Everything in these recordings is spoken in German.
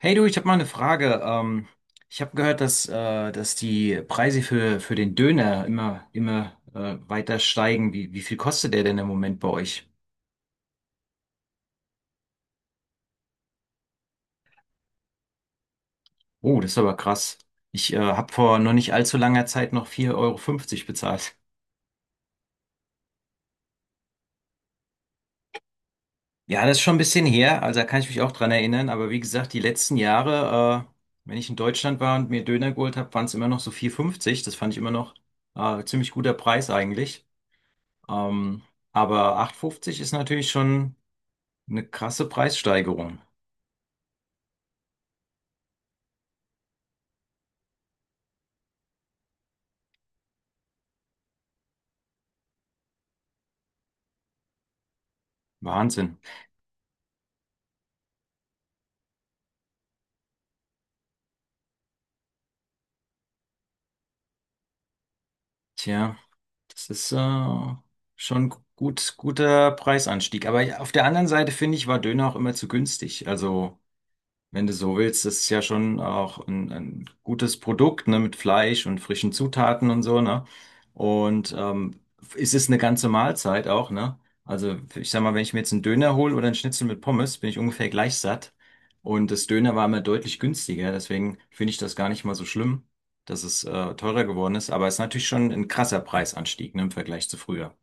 Hey du, ich habe mal eine Frage. Ich habe gehört, dass die Preise für den Döner immer weiter steigen. Wie viel kostet der denn im Moment bei euch? Oh, das ist aber krass. Ich habe vor noch nicht allzu langer Zeit noch 4,50 € bezahlt. Ja, das ist schon ein bisschen her. Also da kann ich mich auch dran erinnern. Aber wie gesagt, die letzten Jahre, wenn ich in Deutschland war und mir Döner geholt habe, waren es immer noch so vier Euro fünfzig. Das fand ich immer noch ziemlich guter Preis eigentlich. Ähm, aber 8,50 € ist natürlich schon eine krasse Preissteigerung. Wahnsinn. Tja, das ist schon gut, guter Preisanstieg. Aber auf der anderen Seite finde ich, war Döner auch immer zu günstig. Also, wenn du so willst, das ist ja schon auch ein gutes Produkt, ne, mit Fleisch und frischen Zutaten und so, ne? Und es ist eine ganze Mahlzeit auch, ne? Also ich sag mal, wenn ich mir jetzt einen Döner hole oder einen Schnitzel mit Pommes, bin ich ungefähr gleich satt. Und das Döner war immer deutlich günstiger, deswegen finde ich das gar nicht mal so schlimm, dass es teurer geworden ist. Aber es ist natürlich schon ein krasser Preisanstieg, ne, im Vergleich zu früher.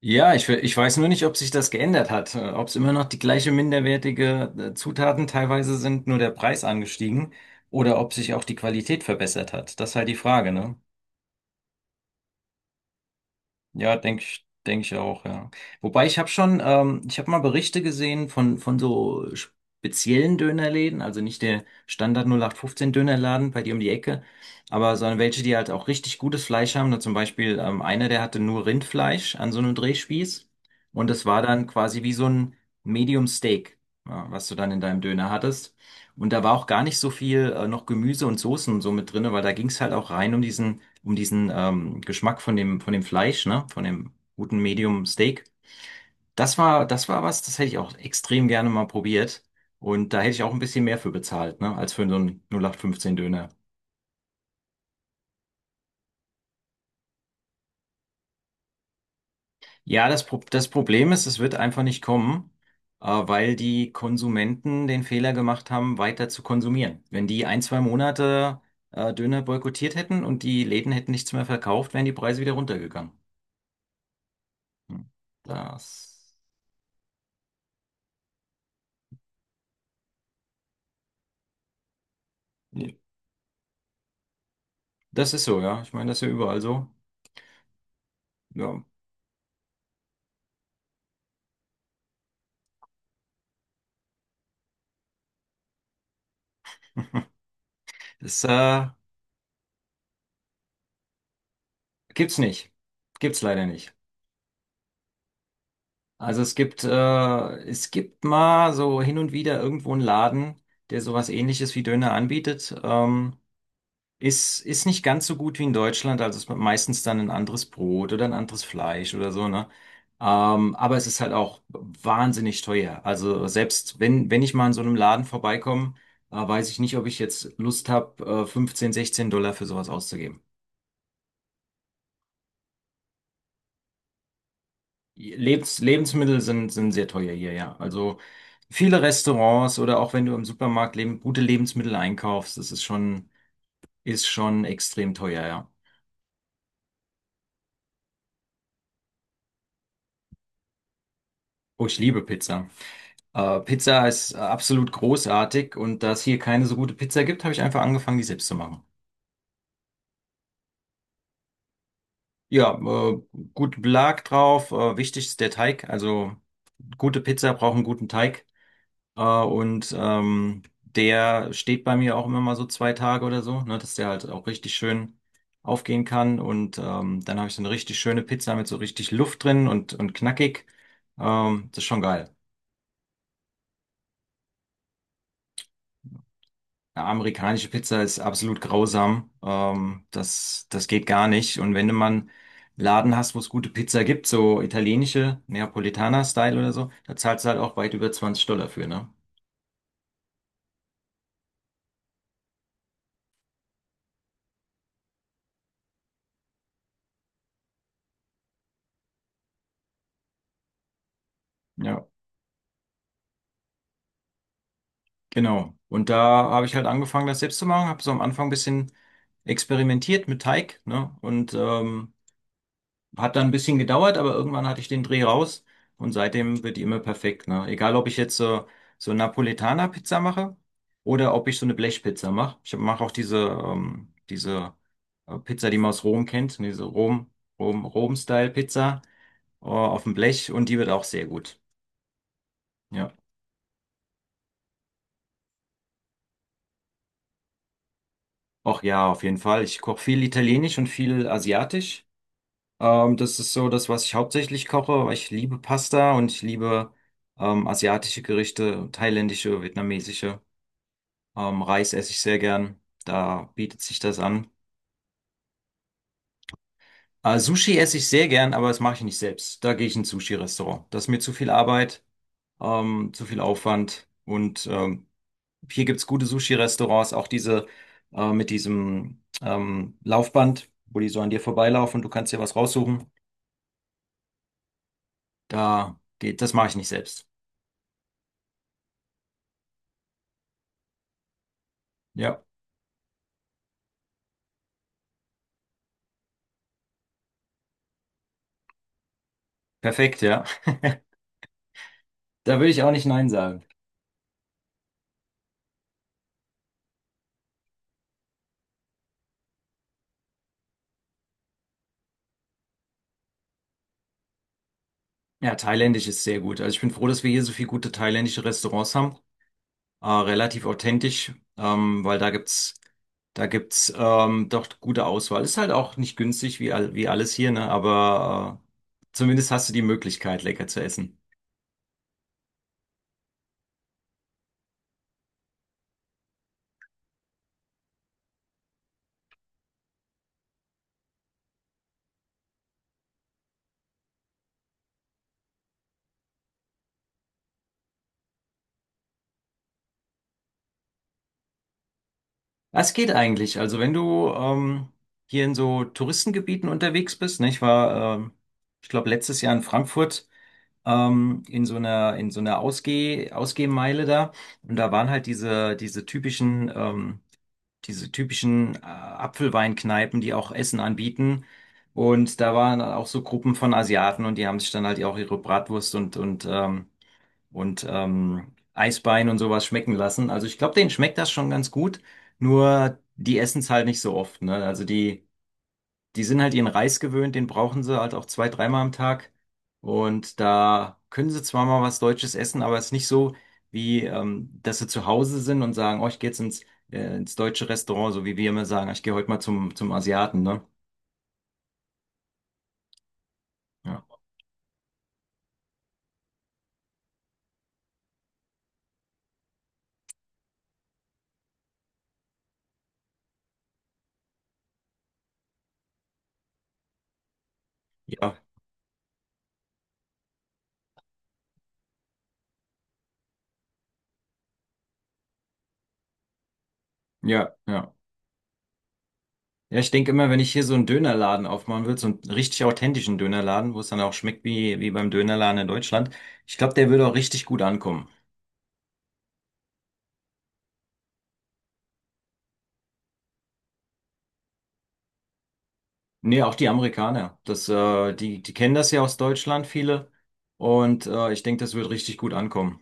Ja, ich weiß nur nicht, ob sich das geändert hat, ob es immer noch die gleiche minderwertige Zutaten teilweise sind, nur der Preis angestiegen oder ob sich auch die Qualität verbessert hat. Das ist halt die Frage, ne? Ja, denke ich auch, ja. Wobei ich habe mal Berichte gesehen von so speziellen Dönerläden, also nicht der Standard 0815 Dönerladen bei dir um die Ecke, aber sondern welche, die halt auch richtig gutes Fleisch haben. Da zum Beispiel einer, der hatte nur Rindfleisch an so einem Drehspieß und das war dann quasi wie so ein Medium Steak, ja, was du dann in deinem Döner hattest. Und da war auch gar nicht so viel noch Gemüse und Soßen und so mit drinne, weil da ging es halt auch rein um diesen Geschmack von dem Fleisch, ne? Von dem guten Medium Steak. Das war was, das hätte ich auch extrem gerne mal probiert. Und da hätte ich auch ein bisschen mehr für bezahlt, ne? Als für so einen 0815 Döner. Ja, das Problem ist, es wird einfach nicht kommen, weil die Konsumenten den Fehler gemacht haben, weiter zu konsumieren. Wenn die ein, zwei Monate Döner boykottiert hätten und die Läden hätten nichts mehr verkauft, wären die Preise wieder runtergegangen. Hm. Das, das ist so, ja. Ich meine, das ist ja überall so. Ja. Das gibt's nicht. Gibt's leider nicht. Also es gibt mal so hin und wieder irgendwo einen Laden, der sowas Ähnliches wie Döner anbietet. Ist nicht ganz so gut wie in Deutschland. Also es ist meistens dann ein anderes Brot oder ein anderes Fleisch oder so, ne? Aber es ist halt auch wahnsinnig teuer. Also selbst wenn ich mal an so einem Laden vorbeikomme, weiß ich nicht, ob ich jetzt Lust habe, 15, $16 für sowas auszugeben. Lebensmittel sind sehr teuer hier, ja. Also viele Restaurants oder auch wenn du im Supermarkt leben, gute Lebensmittel einkaufst, das ist schon extrem teuer, ja. Oh, ich liebe Pizza. Pizza ist absolut großartig und da es hier keine so gute Pizza gibt, habe ich einfach angefangen, die selbst zu machen. Ja, gut Belag drauf, wichtig ist der Teig. Also gute Pizza braucht einen guten Teig. Und der steht bei mir auch immer mal so 2 Tage oder so, ne, dass der halt auch richtig schön aufgehen kann. Und dann habe ich so eine richtig schöne Pizza mit so richtig Luft drin und knackig. Das ist schon geil. Eine amerikanische Pizza ist absolut grausam. Das geht gar nicht. Und wenn du mal einen Laden hast, wo es gute Pizza gibt, so italienische, Neapolitaner-Style oder so, da zahlst du halt auch weit über $20 für, ne? Ja. Genau. Und da habe ich halt angefangen, das selbst zu machen, habe so am Anfang ein bisschen experimentiert mit Teig, ne? Und hat dann ein bisschen gedauert, aber irgendwann hatte ich den Dreh raus und seitdem wird die immer perfekt, ne? Egal, ob ich jetzt so Napolitaner-Pizza mache oder ob ich so eine Blechpizza mache. Ich mache auch diese Pizza, die man aus Rom kennt, ne? Diese Rom-Style-Pizza auf dem Blech und die wird auch sehr gut. Ja. Ach ja, auf jeden Fall. Ich koche viel Italienisch und viel Asiatisch. Das ist so das, was ich hauptsächlich koche, weil ich liebe Pasta und ich liebe asiatische Gerichte, thailändische, vietnamesische. Reis esse ich sehr gern, da bietet sich das an. Sushi esse ich sehr gern, aber das mache ich nicht selbst. Da gehe ich in ein Sushi-Restaurant. Das ist mir zu viel Arbeit, zu viel Aufwand. Und hier gibt's gute Sushi-Restaurants, auch diese mit diesem Laufband, wo die so an dir vorbeilaufen und du kannst dir was raussuchen. Da geht, das mache ich nicht selbst. Ja. Perfekt, ja. Da würde ich auch nicht Nein sagen. Ja, thailändisch ist sehr gut. Also ich bin froh, dass wir hier so viele gute thailändische Restaurants haben. Relativ authentisch, weil da gibt's doch gute Auswahl. Ist halt auch nicht günstig wie alles hier, ne? Aber zumindest hast du die Möglichkeit, lecker zu essen. Was geht eigentlich? Also wenn du hier in so Touristengebieten unterwegs bist, ne? Ich glaube, letztes Jahr in Frankfurt, in so einer Ausgehmeile da. Und da waren halt diese typischen Apfelweinkneipen, die auch Essen anbieten. Und da waren dann auch so Gruppen von Asiaten und die haben sich dann halt auch ihre Bratwurst und Eisbein und sowas schmecken lassen. Also ich glaube, denen schmeckt das schon ganz gut, nur die essen es halt nicht so oft, ne? Also die sind halt ihren Reis gewöhnt, den brauchen sie halt auch zwei, dreimal am Tag. Und da können sie zwar mal was Deutsches essen, aber es ist nicht so, wie dass sie zu Hause sind und sagen, oh, ich gehe jetzt ins deutsche Restaurant, so wie wir immer sagen, ich gehe heute mal zum Asiaten, ne? Ja. Ja, ja, ja. Ja, ich denke immer, wenn ich hier so einen Dönerladen aufmachen würde, so einen richtig authentischen Dönerladen, wo es dann auch schmeckt wie beim Dönerladen in Deutschland, ich glaube, der würde auch richtig gut ankommen. Nee, auch die Amerikaner. Die kennen das ja aus Deutschland, viele. Und ich denke, das wird richtig gut ankommen.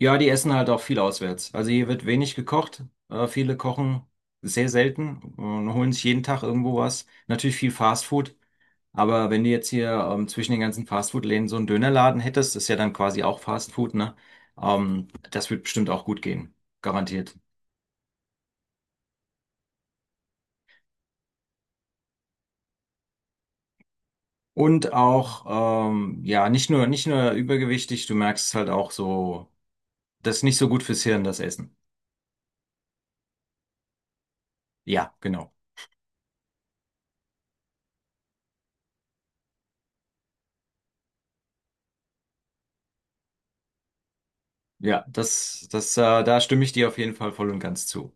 Ja, die essen halt auch viel auswärts. Also hier wird wenig gekocht. Viele kochen sehr selten und holen sich jeden Tag irgendwo was. Natürlich viel Fastfood. Aber wenn du jetzt hier zwischen den ganzen Fastfood-Läden so einen Dönerladen hättest, ist ja dann quasi auch Fastfood, ne? Das wird bestimmt auch gut gehen. Garantiert. Und auch, ja, nicht nur übergewichtig, du merkst es halt auch so. Das ist nicht so gut fürs Hirn, das Essen. Ja, genau. Ja, da stimme ich dir auf jeden Fall voll und ganz zu.